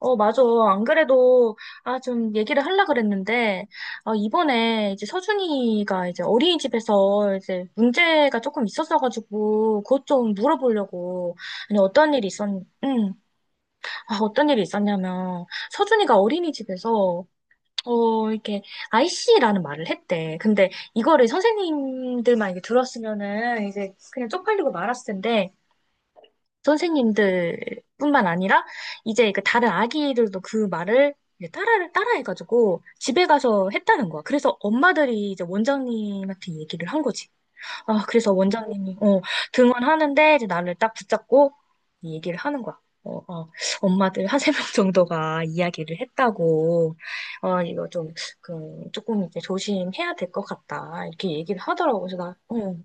어, 맞아. 안 그래도, 아, 좀 얘기를 하려고 그랬는데, 아, 이번에 이제 서준이가 이제 어린이집에서 이제 문제가 조금 있었어가지고, 그것 좀 물어보려고. 아니, 어떤 일이 있었, 응. 아, 어떤 일이 있었냐면, 서준이가 어린이집에서, 어, 이렇게, IC라는 말을 했대. 근데 이거를 선생님들만 이게 들었으면은 이제 그냥 쪽팔리고 말았을 텐데, 선생님들뿐만 아니라 이제 그 다른 아기들도 그 말을 이제 따라해가지고 집에 가서 했다는 거야. 그래서 엄마들이 이제 원장님한테 얘기를 한 거지. 아, 그래서 원장님이 어, 등원하는데 이제 나를 딱 붙잡고 이 얘기를 하는 거야. 어, 어, 엄마들 한 세명 정도가 이야기를 했다고, 어, 이거 좀, 그, 조금 이제 조심해야 될 것 같다. 이렇게 얘기를 하더라고. 그래서 나, 어,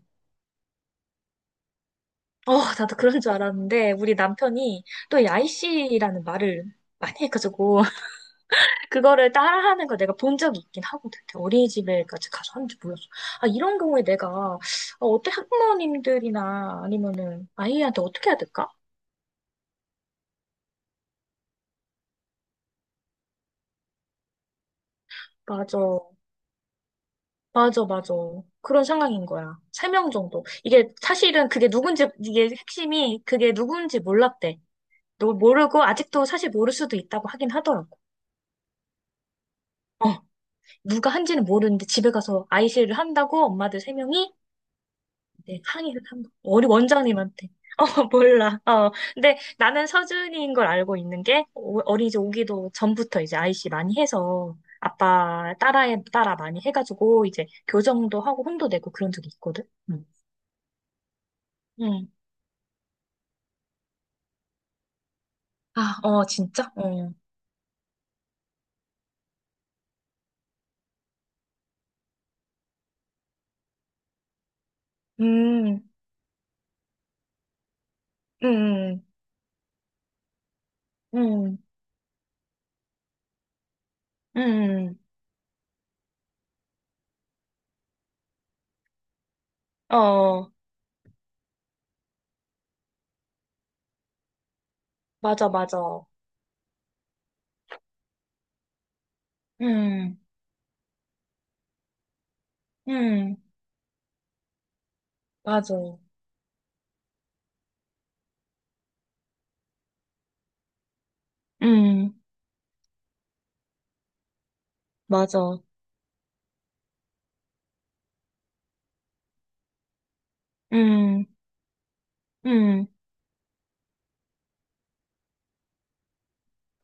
어, 나도 그런 줄 알았는데, 우리 남편이 또 야이씨라는 말을 많이 해가지고, 그거를 따라하는 거 내가 본 적이 있긴 하거든. 어린이집에까지 가서 하는지 몰랐어. 아, 이런 경우에 내가, 어, 어때, 학부모님들이나 아니면은 아이한테 어떻게 해야 될까? 맞아, 맞아, 맞아. 그런 상황인 거야. 세 명 정도. 이게 사실은 그게 누군지, 이게 핵심이 그게 누군지 몰랐대. 너 모르고 아직도 사실 모를 수도 있다고 하긴 하더라고. 어. 누가 한지는 모르는데 집에 가서 아이씨를 한다고 엄마들 세 명이 이제 항의를 한 거. 우리 원장님한테. 어, 몰라. 어. 근데 나는 서준이인 걸 알고 있는 게 어린이집 오기도 전부터 이제 아이씨 많이 해서 아빠 따라에 따라 많이 해가지고 이제 교정도 하고 혼도 내고 그런 적이 있거든. 응. 응. 아, 어, 진짜? 어. 음, 음, 음, 음. 어, 맞아, 맞아. 음, 음, 맞아. 음. 맞아. 음, 음.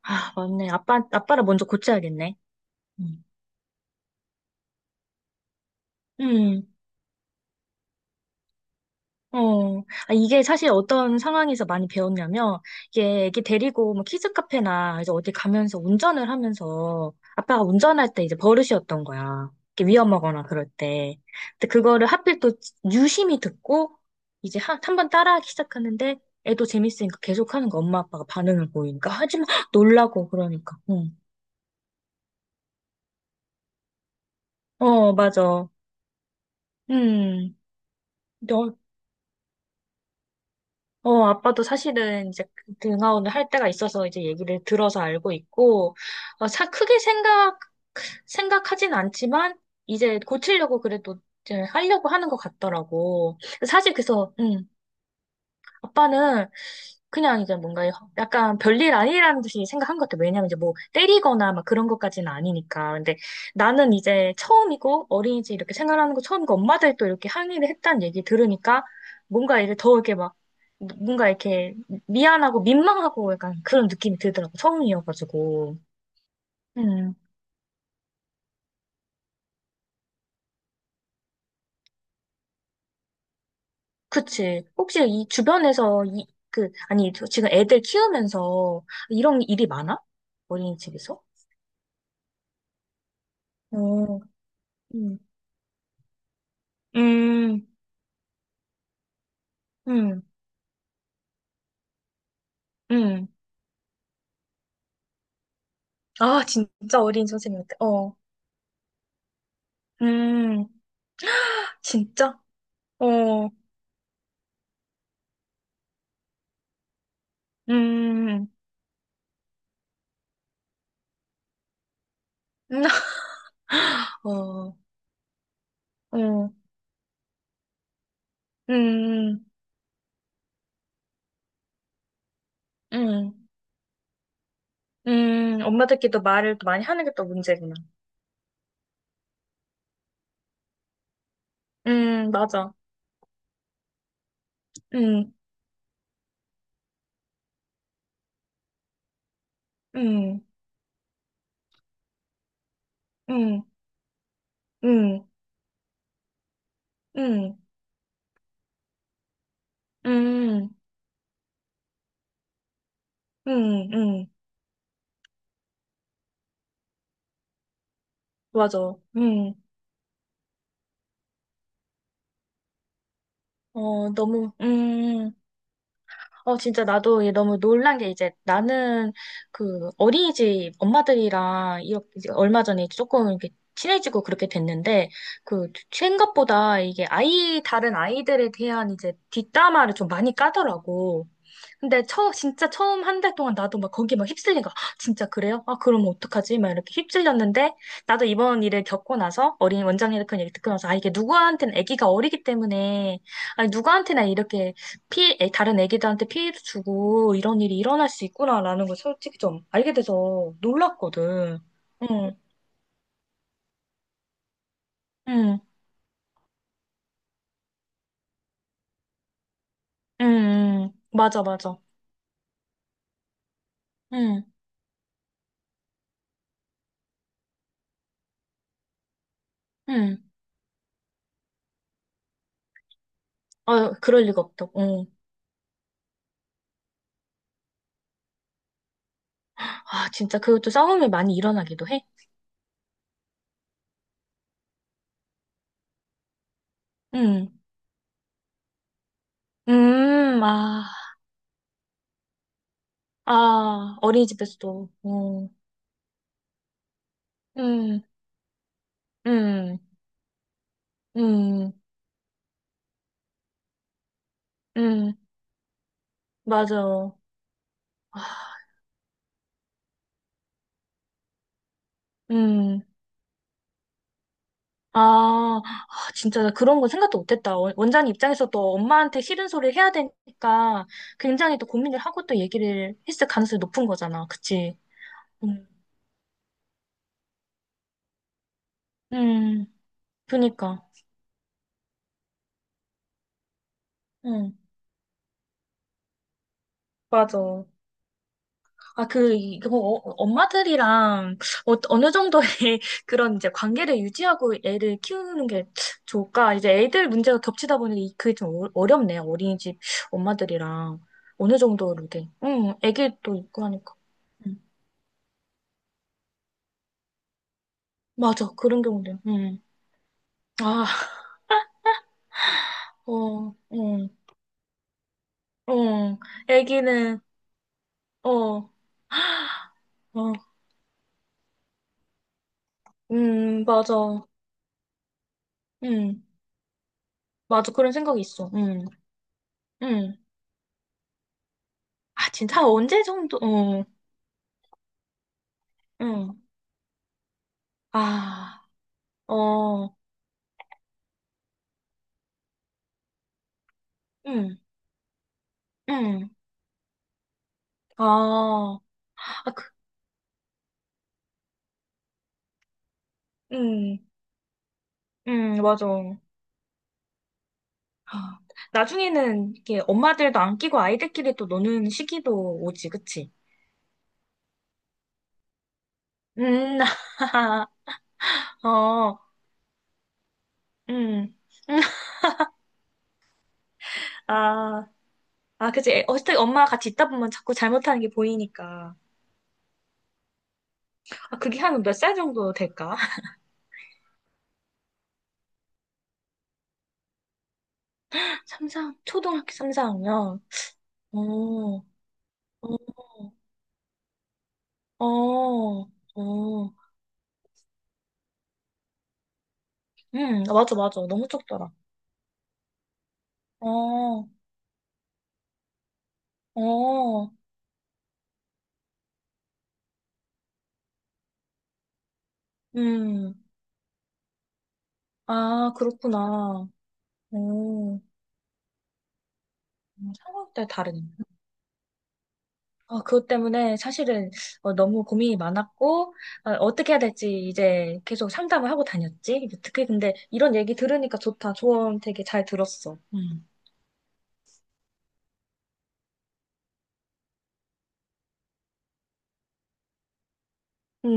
아, 맞네. 아빠, 아빠를 먼저 고쳐야겠네. 음. 음, 어. 아, 이게 사실 어떤 상황에서 많이 배웠냐면, 이게 애기 데리고 뭐 키즈 카페나 이제 어디 가면서 운전을 하면서 아빠가 운전할 때 이제 버릇이었던 거야. 이렇게 위험하거나 그럴 때. 근데 그거를 하필 또 유심히 듣고 이제 한 번 따라하기 시작하는데 애도 재밌으니까 계속 하는 거 엄마 아빠가 반응을 보이니까 하지마 놀라고 그러니까. 응. 어, 맞아. 음, 너, 어, 어, 아빠도 사실은 이제 그 등하원을 할 때가 있어서 이제 얘기를 들어서 알고 있고, 어, 크게 생각하진 않지만, 이제 고치려고 그래도 이제 하려고 하는 것 같더라고. 사실 그래서, 아빠는 그냥 이제 뭔가 약간 별일 아니라는 듯이 생각한 것 같아요. 왜냐면 이제 뭐 때리거나 막 그런 것까지는 아니니까. 근데 나는 이제 처음이고 어린이집 이렇게 생활하는 거 처음이고 엄마들 또 이렇게 항의를 했다는 얘기 들으니까 뭔가 이제 더 이렇게 막 뭔가 이렇게 미안하고 민망하고 약간 그런 느낌이 들더라고. 처음이어가지고. 음, 그치. 혹시 이 주변에서 이, 그, 아니, 저 지금 애들 키우면서 이런 일이 많아? 어린이집에서? 어, 음. 음, 음, 음. 아, 진짜 어린 선생님 같아. 어, 음, 진짜? 어, 음, 음, 어, 어, 음, 음, 엄마들끼리도 말을 또 많이 하는 게 또 문제구나. 맞아. 음, 음, 음, 음, 음, 음, 음, 음. 맞아. 음, 어, 너무, 어, 진짜 나도 이게 너무 놀란 게 이제 나는 그 어린이집 엄마들이랑 이렇게 이제 얼마 전에 이제 조금 이렇게 친해지고 그렇게 됐는데 그 생각보다 이게 아이, 다른 아이들에 대한 이제 뒷담화를 좀 많이 까더라고. 근데 진짜 처음 한 달 동안 나도 막 거기 막 휩쓸린가. "헉, 진짜 그래요? 아, 그러면 어떡하지? 막 이렇게 휩쓸렸는데, 나도 이번 일을 겪고 나서, 어린 원장님의 그런 얘기 듣고 나서, 아, 이게 누구한테는 아기가 어리기 때문에, 아니, 누구한테나 이렇게 다른 아기들한테 피해를 주고, 이런 일이 일어날 수 있구나라는 걸 솔직히 좀 알게 돼서 놀랐거든. 응, 응, 응, 응. 맞아, 맞아. 응, 응. 아, 그럴 리가 없다고. 응. 아, 진짜 그것도 싸움이 많이 일어나기도 해. 응. 아, 아, 어린이집에서도, 어, 음, 음, 음, 음, 맞아. 아, 음, 아, 아, 진짜 나 그런 건 생각도 못했다. 원장님 입장에서 또 엄마한테 싫은 소리를 해야 되니까 굉장히 또 고민을 하고 또 얘기를 했을 가능성이 높은 거잖아. 그치? 음, 음, 그니까, 응. 맞아. 아, 그, 이거, 어- 엄마들이랑 어, 어느 정도의 그런 이제 관계를 유지하고 애를 키우는 게 좋을까? 이제 애들 문제가 겹치다 보니 그게 좀 어렵네요. 어린이집 엄마들이랑 어느 정도로 돼. 응, 애기도 있고 하니까. 응. 맞아, 그런 경우도. 응. 아, 어, 응, 어, 애기는, 어, 어, 맞아. 음. 맞아. 그런 생각이 있어. 음. 음. 아, 진짜 한 언제 정도, 어, 음. 아. 어, 응, 응. 아, 아, 그, 응, 응, 맞아. 아, 나중에는 이렇게 엄마들도 안 끼고 아이들끼리 또 노는 시기도 오지, 그치? 음, 어, 음, 아, 아, 그치. 어쨌든 엄마 같이 있다 보면 자꾸 잘못하는 게 보이니까. 아, 그게 한 몇 살 정도 될까? 삼사 초등학교 삼사학년. 어, 어, 어, 어. 맞아, 맞아. 너무 적더라. 어. 어, 음, 아, 그렇구나. 오, 상황 따라 다르네. 아, 그것 때문에 사실은 어, 너무 고민이 많았고, 아, 어떻게 해야 될지 이제 계속 상담을 하고 다녔지. 특히 근데 이런 얘기 들으니까 좋다. 조언 되게 잘 들었어. 음.